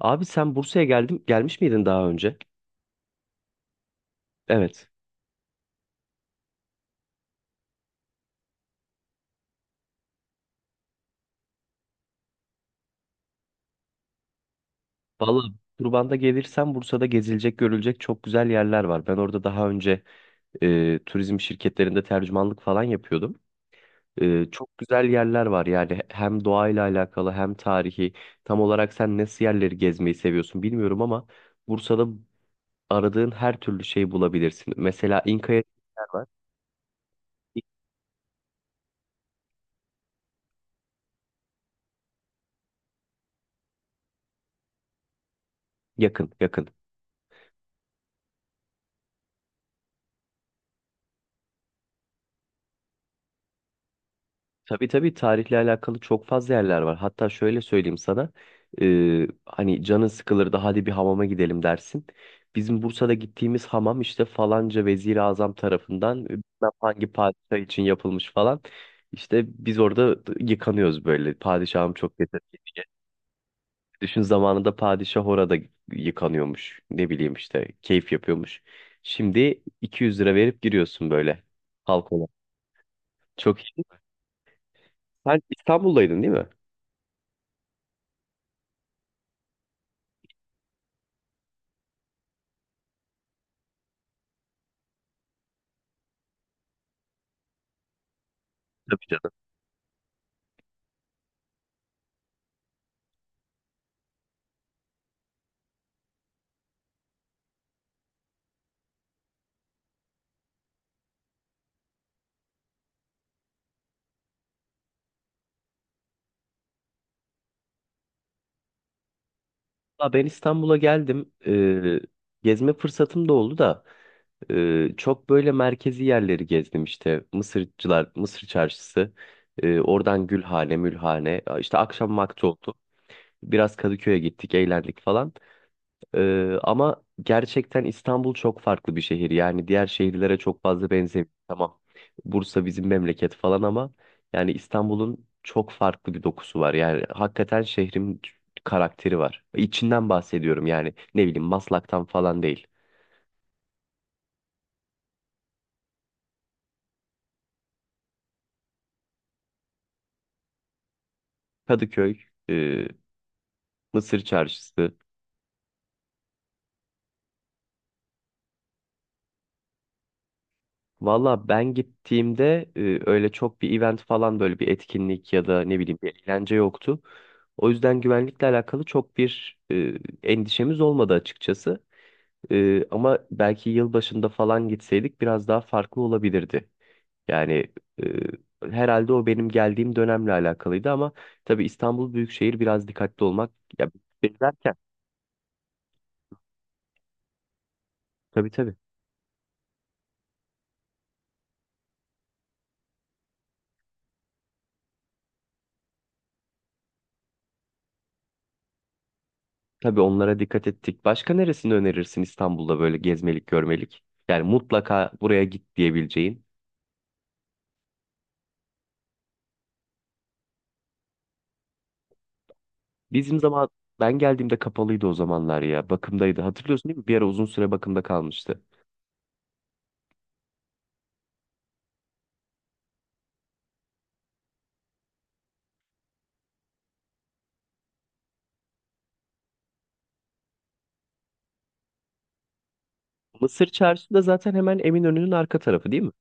Abi sen Bursa'ya gelmiş miydin daha önce? Evet. Vallahi Turban'da gelirsen Bursa'da gezilecek, görülecek çok güzel yerler var. Ben orada daha önce turizm şirketlerinde tercümanlık falan yapıyordum. Çok güzel yerler var yani hem doğayla alakalı hem tarihi. Tam olarak sen nasıl yerleri gezmeyi seviyorsun bilmiyorum ama Bursa'da aradığın her türlü şeyi bulabilirsin. Mesela İnka'ya var. İ- Yakın, yakın. Tabii tabii, tarihle alakalı çok fazla yerler var. Hatta şöyle söyleyeyim sana. Hani canın sıkılır da hadi bir hamama gidelim dersin. Bizim Bursa'da gittiğimiz hamam işte falanca Vezir-i Azam tarafından bilmem hangi padişah için yapılmış falan. İşte biz orada yıkanıyoruz böyle. Padişahım çok yetenekli diye. Düşün, zamanında padişah orada yıkanıyormuş. Ne bileyim işte keyif yapıyormuş. Şimdi 200 lira verip giriyorsun böyle halk olarak. Çok iyi. Sen İstanbul'daydın değil mi? Tabii canım. Ya ben İstanbul'a geldim. Gezme fırsatım da oldu da çok böyle merkezi yerleri gezdim işte. Mısırcılar, Mısır Çarşısı, oradan Gülhane, Mülhane. İşte akşam vakti oldu. Biraz Kadıköy'e gittik, eğlendik falan. Ama gerçekten İstanbul çok farklı bir şehir. Yani diğer şehirlere çok fazla benzemiyor. Tamam. Bursa bizim memleket falan ama yani İstanbul'un çok farklı bir dokusu var. Yani hakikaten şehrin karakteri var. İçinden bahsediyorum yani, ne bileyim, Maslak'tan falan değil. Kadıköy, e, Mısır Çarşısı, Valla ben gittiğimde öyle çok bir event falan, böyle bir etkinlik ya da ne bileyim bir eğlence yoktu. O yüzden güvenlikle alakalı çok bir endişemiz olmadı açıkçası. Ama belki yılbaşında falan gitseydik biraz daha farklı olabilirdi. Yani herhalde o benim geldiğim dönemle alakalıydı ama tabii İstanbul Büyükşehir biraz dikkatli olmak, ya beklerken, tabii tabii. Tabii onlara dikkat ettik. Başka neresini önerirsin İstanbul'da böyle gezmelik, görmelik? Yani mutlaka buraya git diyebileceğin. Bizim zaman ben geldiğimde kapalıydı o zamanlar ya. Bakımdaydı. Hatırlıyorsun değil mi? Bir ara uzun süre bakımda kalmıştı. Mısır Çarşısı da zaten hemen Eminönü'nün arka tarafı değil mi?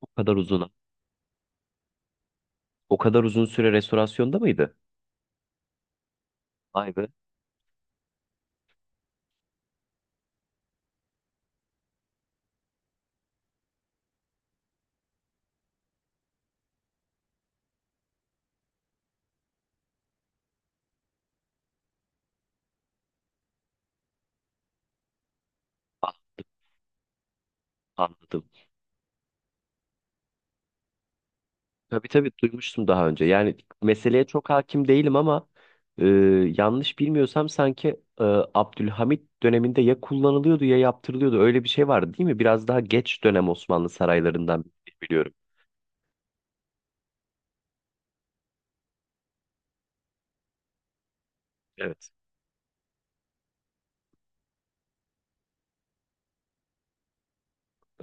O kadar uzun. O kadar uzun süre restorasyonda mıydı? Vay be. Anladım, anladım. Tabii tabii, duymuştum daha önce. Yani meseleye çok hakim değilim ama e, yanlış bilmiyorsam sanki e, Abdülhamit döneminde ya kullanılıyordu ya yaptırılıyordu. Öyle bir şey vardı değil mi? Biraz daha geç dönem Osmanlı saraylarından biliyorum. Evet,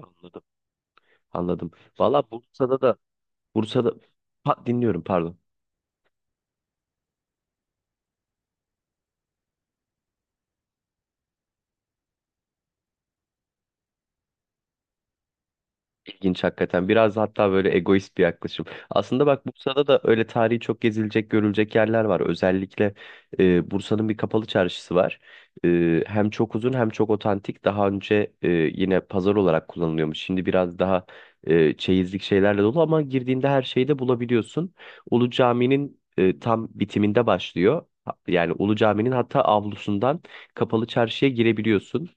anladım. Anladım. Valla Bursa'da da Bursa'da dinliyorum, pardon. İlginç hakikaten. Biraz hatta böyle egoist bir yaklaşım. Aslında bak, Bursa'da da öyle tarihi çok gezilecek, görülecek yerler var. Özellikle Bursa'nın bir kapalı çarşısı var. Hem çok uzun, hem çok otantik. Daha önce yine pazar olarak kullanılıyormuş. Şimdi biraz daha çeyizlik şeylerle dolu ama girdiğinde her şeyi de bulabiliyorsun. Ulu Cami'nin tam bitiminde başlıyor. Yani Ulu Cami'nin hatta avlusundan kapalı çarşıya girebiliyorsun.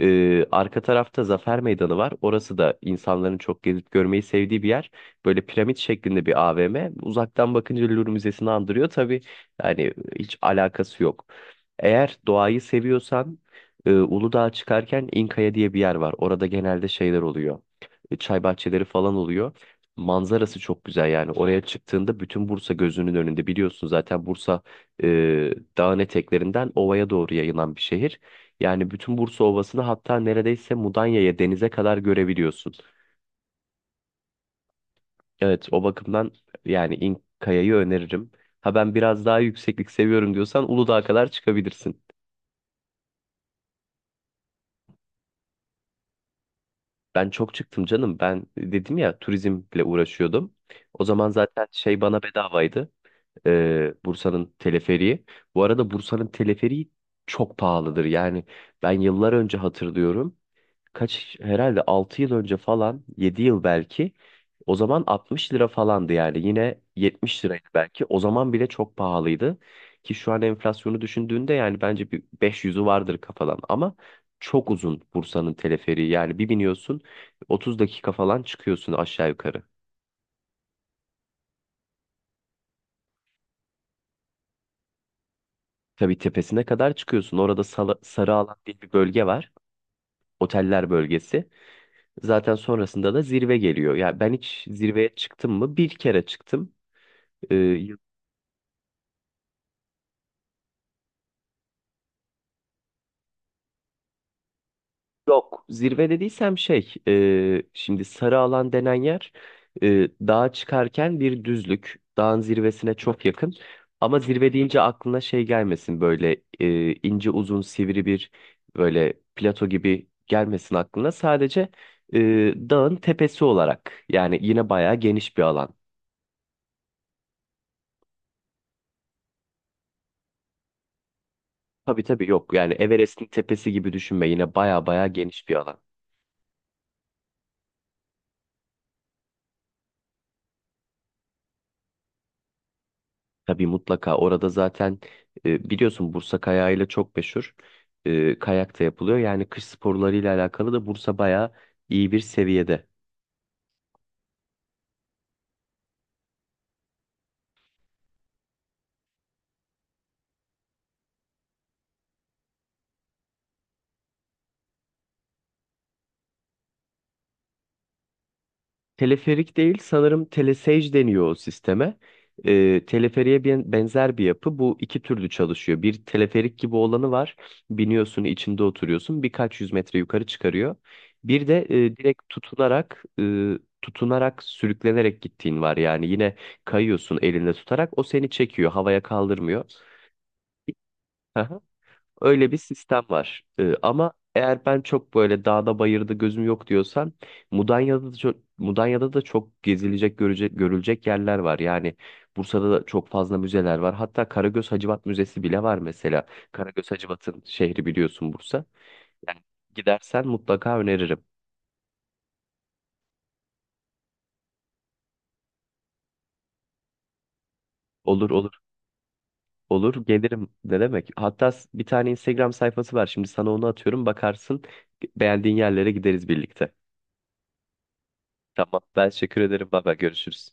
Arka tarafta Zafer Meydanı var. Orası da insanların çok gezip görmeyi sevdiği bir yer. Böyle piramit şeklinde bir AVM. Uzaktan bakınca Louvre Müzesi'ni andırıyor. Tabii yani hiç alakası yok. Eğer doğayı seviyorsan Uludağ'a çıkarken İnkaya diye bir yer var. Orada genelde şeyler oluyor. Çay bahçeleri falan oluyor. Manzarası çok güzel yani. Oraya çıktığında bütün Bursa gözünün önünde. Biliyorsun zaten Bursa e, dağın eteklerinden ovaya doğru yayılan bir şehir. Yani bütün Bursa Ovası'nı, hatta neredeyse Mudanya'ya, denize kadar görebiliyorsun. Evet, o bakımdan yani İnkaya'yı öneririm. Ha, ben biraz daha yükseklik seviyorum diyorsan Uludağ'a kadar çıkabilirsin. Ben çok çıktım canım. Ben dedim ya, turizmle uğraşıyordum. O zaman zaten şey, bana bedavaydı. Bursa'nın teleferiği. Bu arada Bursa'nın teleferiği çok pahalıdır. Yani ben yıllar önce hatırlıyorum. Kaç, herhalde 6 yıl önce falan, 7 yıl belki, o zaman 60 lira falandı. Yani yine yetmiş liraydı belki, o zaman bile çok pahalıydı, ki şu an enflasyonu düşündüğünde yani bence bir 500'ü vardır kafadan ama çok uzun Bursa'nın teleferiği. Yani bir biniyorsun, 30 dakika falan çıkıyorsun aşağı yukarı. Tabii, tepesine kadar çıkıyorsun. Orada Sarı Alan diye bir bölge var, oteller bölgesi. Zaten sonrasında da zirve geliyor. Ya ben hiç zirveye çıktım mı? Bir kere çıktım. Ee, Yok, zirve dediysem şey, şimdi sarı alan denen yer dağa çıkarken bir düzlük. Dağın zirvesine çok yakın. Ama zirve deyince aklına şey gelmesin, böyle ince uzun sivri bir, böyle plato gibi gelmesin aklına. Sadece e, dağın tepesi olarak, yani yine bayağı geniş bir alan. Tabii tabii, yok yani, Everest'in tepesi gibi düşünme, yine bayağı bayağı geniş bir alan. Tabii, mutlaka orada zaten biliyorsun Bursa kayağıyla çok meşhur. Kayak da yapılıyor. Yani kış sporlarıyla alakalı da Bursa bayağı iyi bir seviyede. Teleferik değil, sanırım telesage deniyor o sisteme. Teleferiğe benzer bir yapı. Bu iki türlü çalışıyor. Bir teleferik gibi olanı var. Biniyorsun, içinde oturuyorsun. Birkaç yüz metre yukarı çıkarıyor. Bir de direkt tutunarak sürüklenerek gittiğin var. Yani yine kayıyorsun, elinde tutarak. O seni çekiyor. Havaya kaldırmıyor. Öyle bir sistem var. Ama eğer ben çok böyle dağda bayırda gözüm yok diyorsan, Mudanya'da da çok gezilecek, görecek, görülecek yerler var. Yani Bursa'da da çok fazla müzeler var. Hatta Karagöz Hacivat Müzesi bile var mesela. Karagöz Hacivat'ın şehri, biliyorsun, Bursa. Yani gidersen mutlaka öneririm. Olur, olur, olur, gelirim, ne demek. Hatta bir tane Instagram sayfası var. Şimdi sana onu atıyorum, bakarsın, beğendiğin yerlere gideriz birlikte. Tamam, ben teşekkür ederim. Baba, görüşürüz.